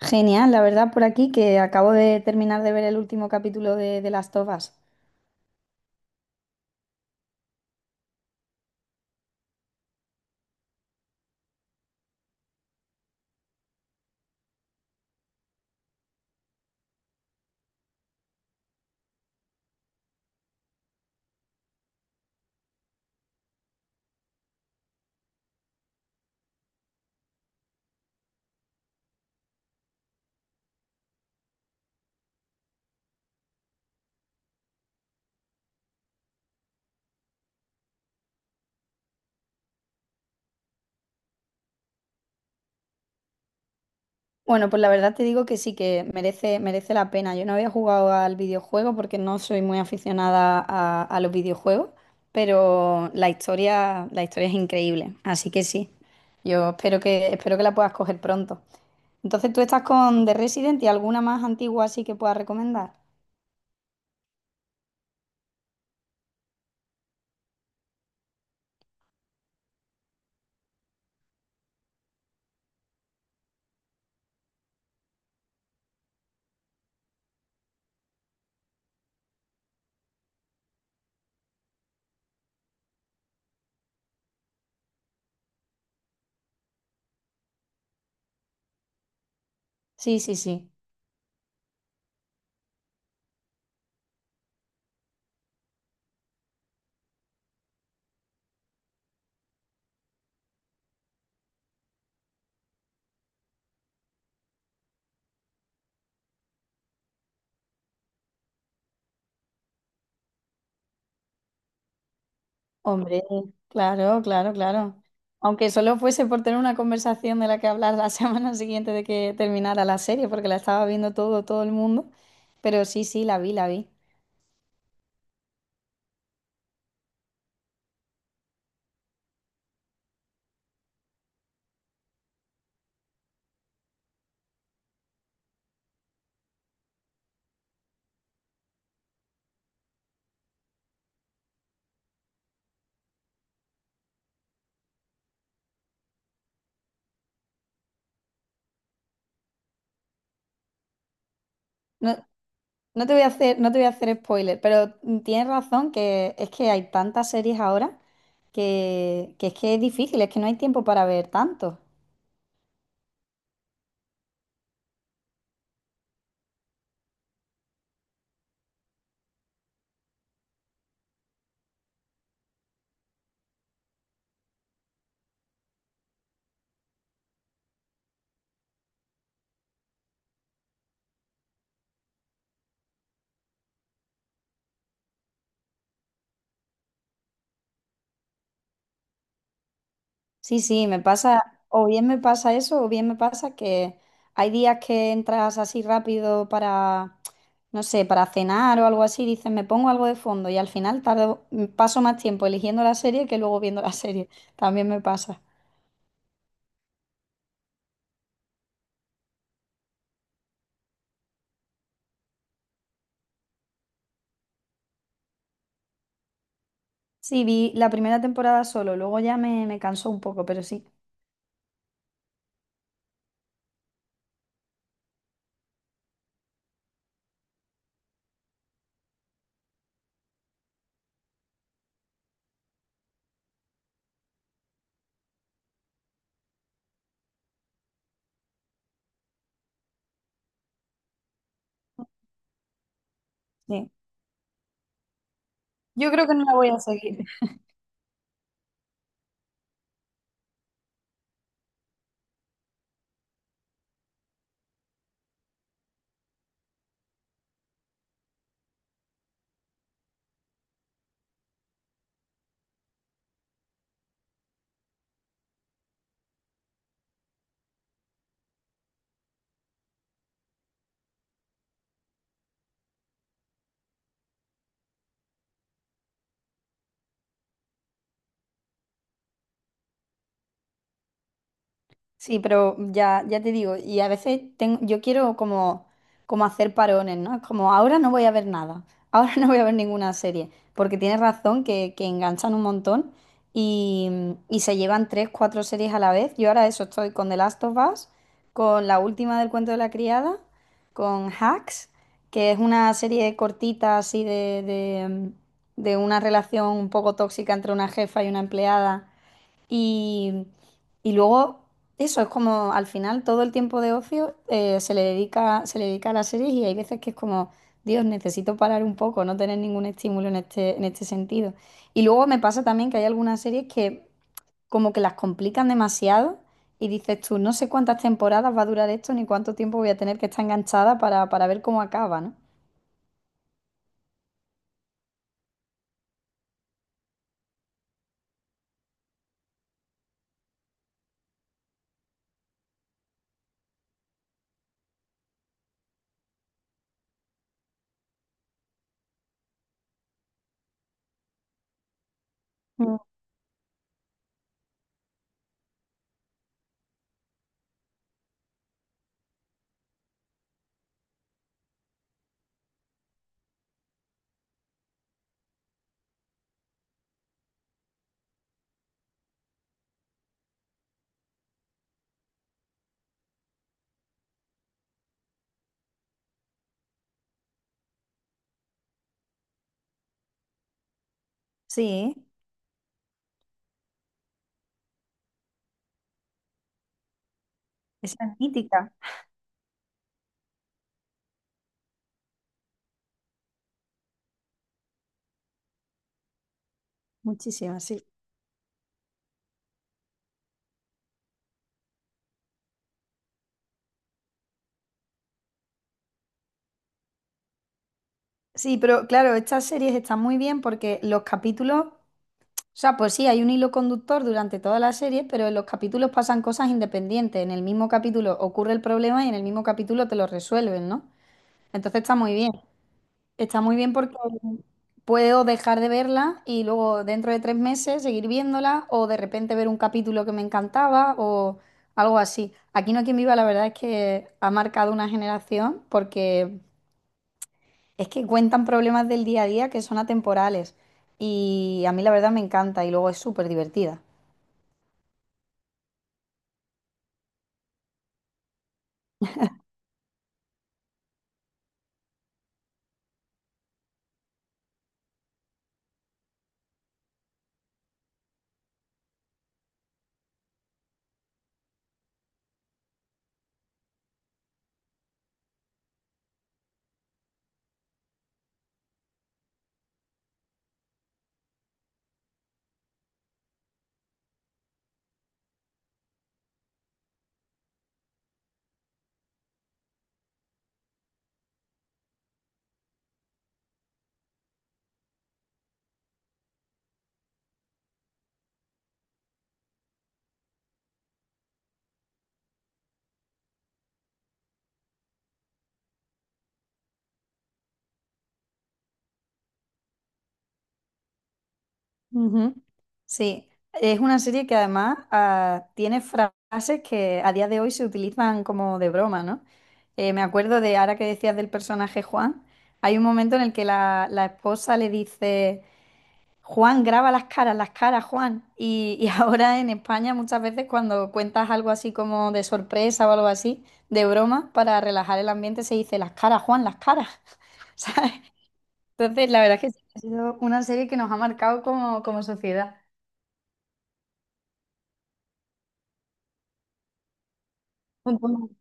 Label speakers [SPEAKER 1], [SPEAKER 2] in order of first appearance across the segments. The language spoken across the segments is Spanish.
[SPEAKER 1] Genial, la verdad, por aquí que acabo de terminar de ver el último capítulo de Last of Us. Bueno, pues la verdad te digo que sí que merece la pena. Yo no había jugado al videojuego porque no soy muy aficionada a los videojuegos, pero la historia es increíble. Así que sí, yo espero espero que la puedas coger pronto. Entonces, ¿tú estás con The Resident y alguna más antigua así que puedas recomendar? Sí, sí, sí. Hombre, claro, claro, claro. Aunque solo fuese por tener una conversación de la que hablar la semana siguiente de que terminara la serie, porque la estaba viendo todo, todo el mundo. Pero sí, sí, la vi. No, no te voy a hacer, no te voy a hacer spoiler, pero tienes razón que es que hay tantas series ahora que es difícil, es que no hay tiempo para ver tanto. Sí, sí, me pasa, o bien me pasa eso, o bien me pasa que hay días que entras así rápido para, no sé, para cenar o algo así, dices, me pongo algo de fondo y al final tardo, paso más tiempo eligiendo la serie que luego viendo la serie. También me pasa. Sí, vi la primera temporada solo, luego ya me cansó un poco, pero sí, sí. Yo creo que no la voy a seguir. Sí, pero ya, ya te digo, y a veces tengo, yo quiero como, como hacer parones, ¿no? Es como ahora no voy a ver nada, ahora no voy a ver ninguna serie, porque tienes razón que enganchan un montón y, y se llevan tres, cuatro series a la vez. Yo ahora eso estoy con The Last of Us, con la última del cuento de la criada, con Hacks, que es una serie cortita así de una relación un poco tóxica entre una jefa y una empleada y, y luego, eso es como al final todo el tiempo de ocio se le dedica a las series y hay veces que es como, Dios, necesito parar un poco, no tener ningún estímulo en este sentido. Y luego me pasa también que hay algunas series que como que las complican demasiado y dices tú, no sé cuántas temporadas va a durar esto ni cuánto tiempo voy a tener que estar enganchada para ver cómo acaba, ¿no? Mm. Sí, esa es mítica. Muchísimas, sí. Sí, pero claro, estas series están muy bien porque los capítulos. O sea, pues sí, hay un hilo conductor durante toda la serie, pero en los capítulos pasan cosas independientes. En el mismo capítulo ocurre el problema y en el mismo capítulo te lo resuelven, ¿no? Entonces está muy bien. Está muy bien porque puedo dejar de verla y luego dentro de tres meses seguir viéndola o de repente ver un capítulo que me encantaba o algo así. Aquí no hay quien viva, la verdad es que ha marcado una generación porque es que cuentan problemas del día a día que son atemporales y a mí la verdad me encanta y luego es súper divertida. Ujú. Sí, es una serie que además tiene frases que a día de hoy se utilizan como de broma, ¿no? Me acuerdo de ahora que decías del personaje Juan, hay un momento en el que la esposa le dice, Juan, graba las caras, Juan. Y ahora en España muchas veces cuando cuentas algo así como de sorpresa o algo así, de broma, para relajar el ambiente se dice, las caras, Juan, las caras. ¿Sabes? Entonces, la verdad es que sí, ha sido una serie que nos ha marcado como, como sociedad. Entonces,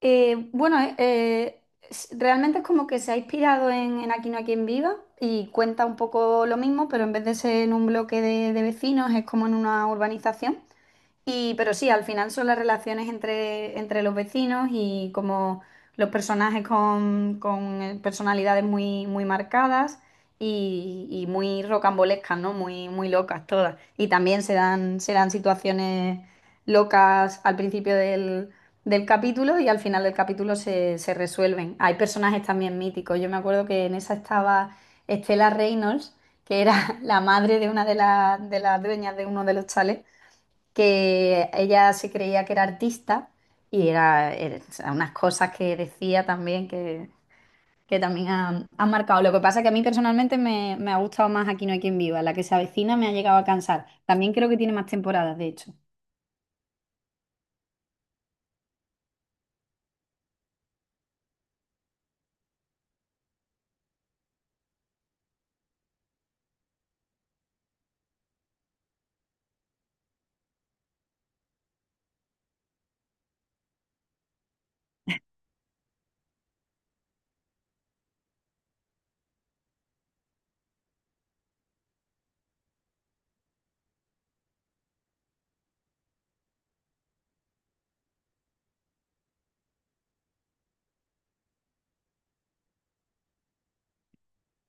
[SPEAKER 1] eh, bueno, eh, eh, realmente es como que se ha inspirado en Aquí no hay quien viva y cuenta un poco lo mismo, pero en vez de ser en un bloque de vecinos, es como en una urbanización. Y, pero sí, al final son las relaciones entre, entre los vecinos y como los personajes con personalidades muy, muy marcadas y muy rocambolescas, ¿no? Muy, muy locas todas. Y también se dan situaciones locas al principio del, del capítulo y al final del capítulo se, se resuelven. Hay personajes también míticos. Yo me acuerdo que en esa estaba Estela Reynolds, que era la madre de una de las dueñas de uno de los chalets que ella se creía que era artista y o sea, unas cosas que decía también que también han, han marcado. Lo que pasa es que a mí personalmente me ha gustado más Aquí no hay quien viva, la que se avecina me ha llegado a cansar. También creo que tiene más temporadas, de hecho.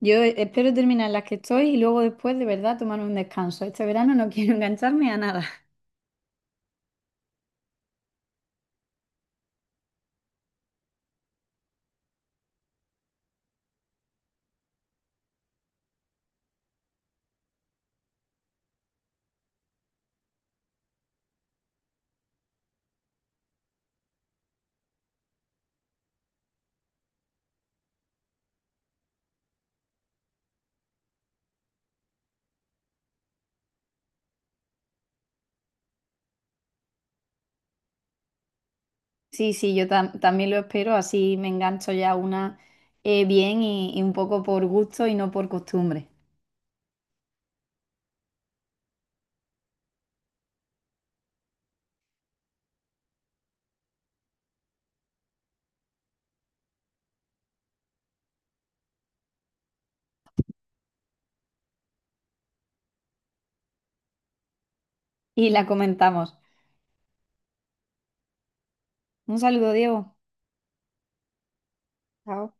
[SPEAKER 1] Espero terminar las que estoy y luego después de verdad tomar un descanso. Este verano no quiero engancharme a nada. Sí, sí, también lo espero, así me engancho ya una bien y un poco por gusto y no por costumbre. Y la comentamos. Un saludo, Diego. Chao.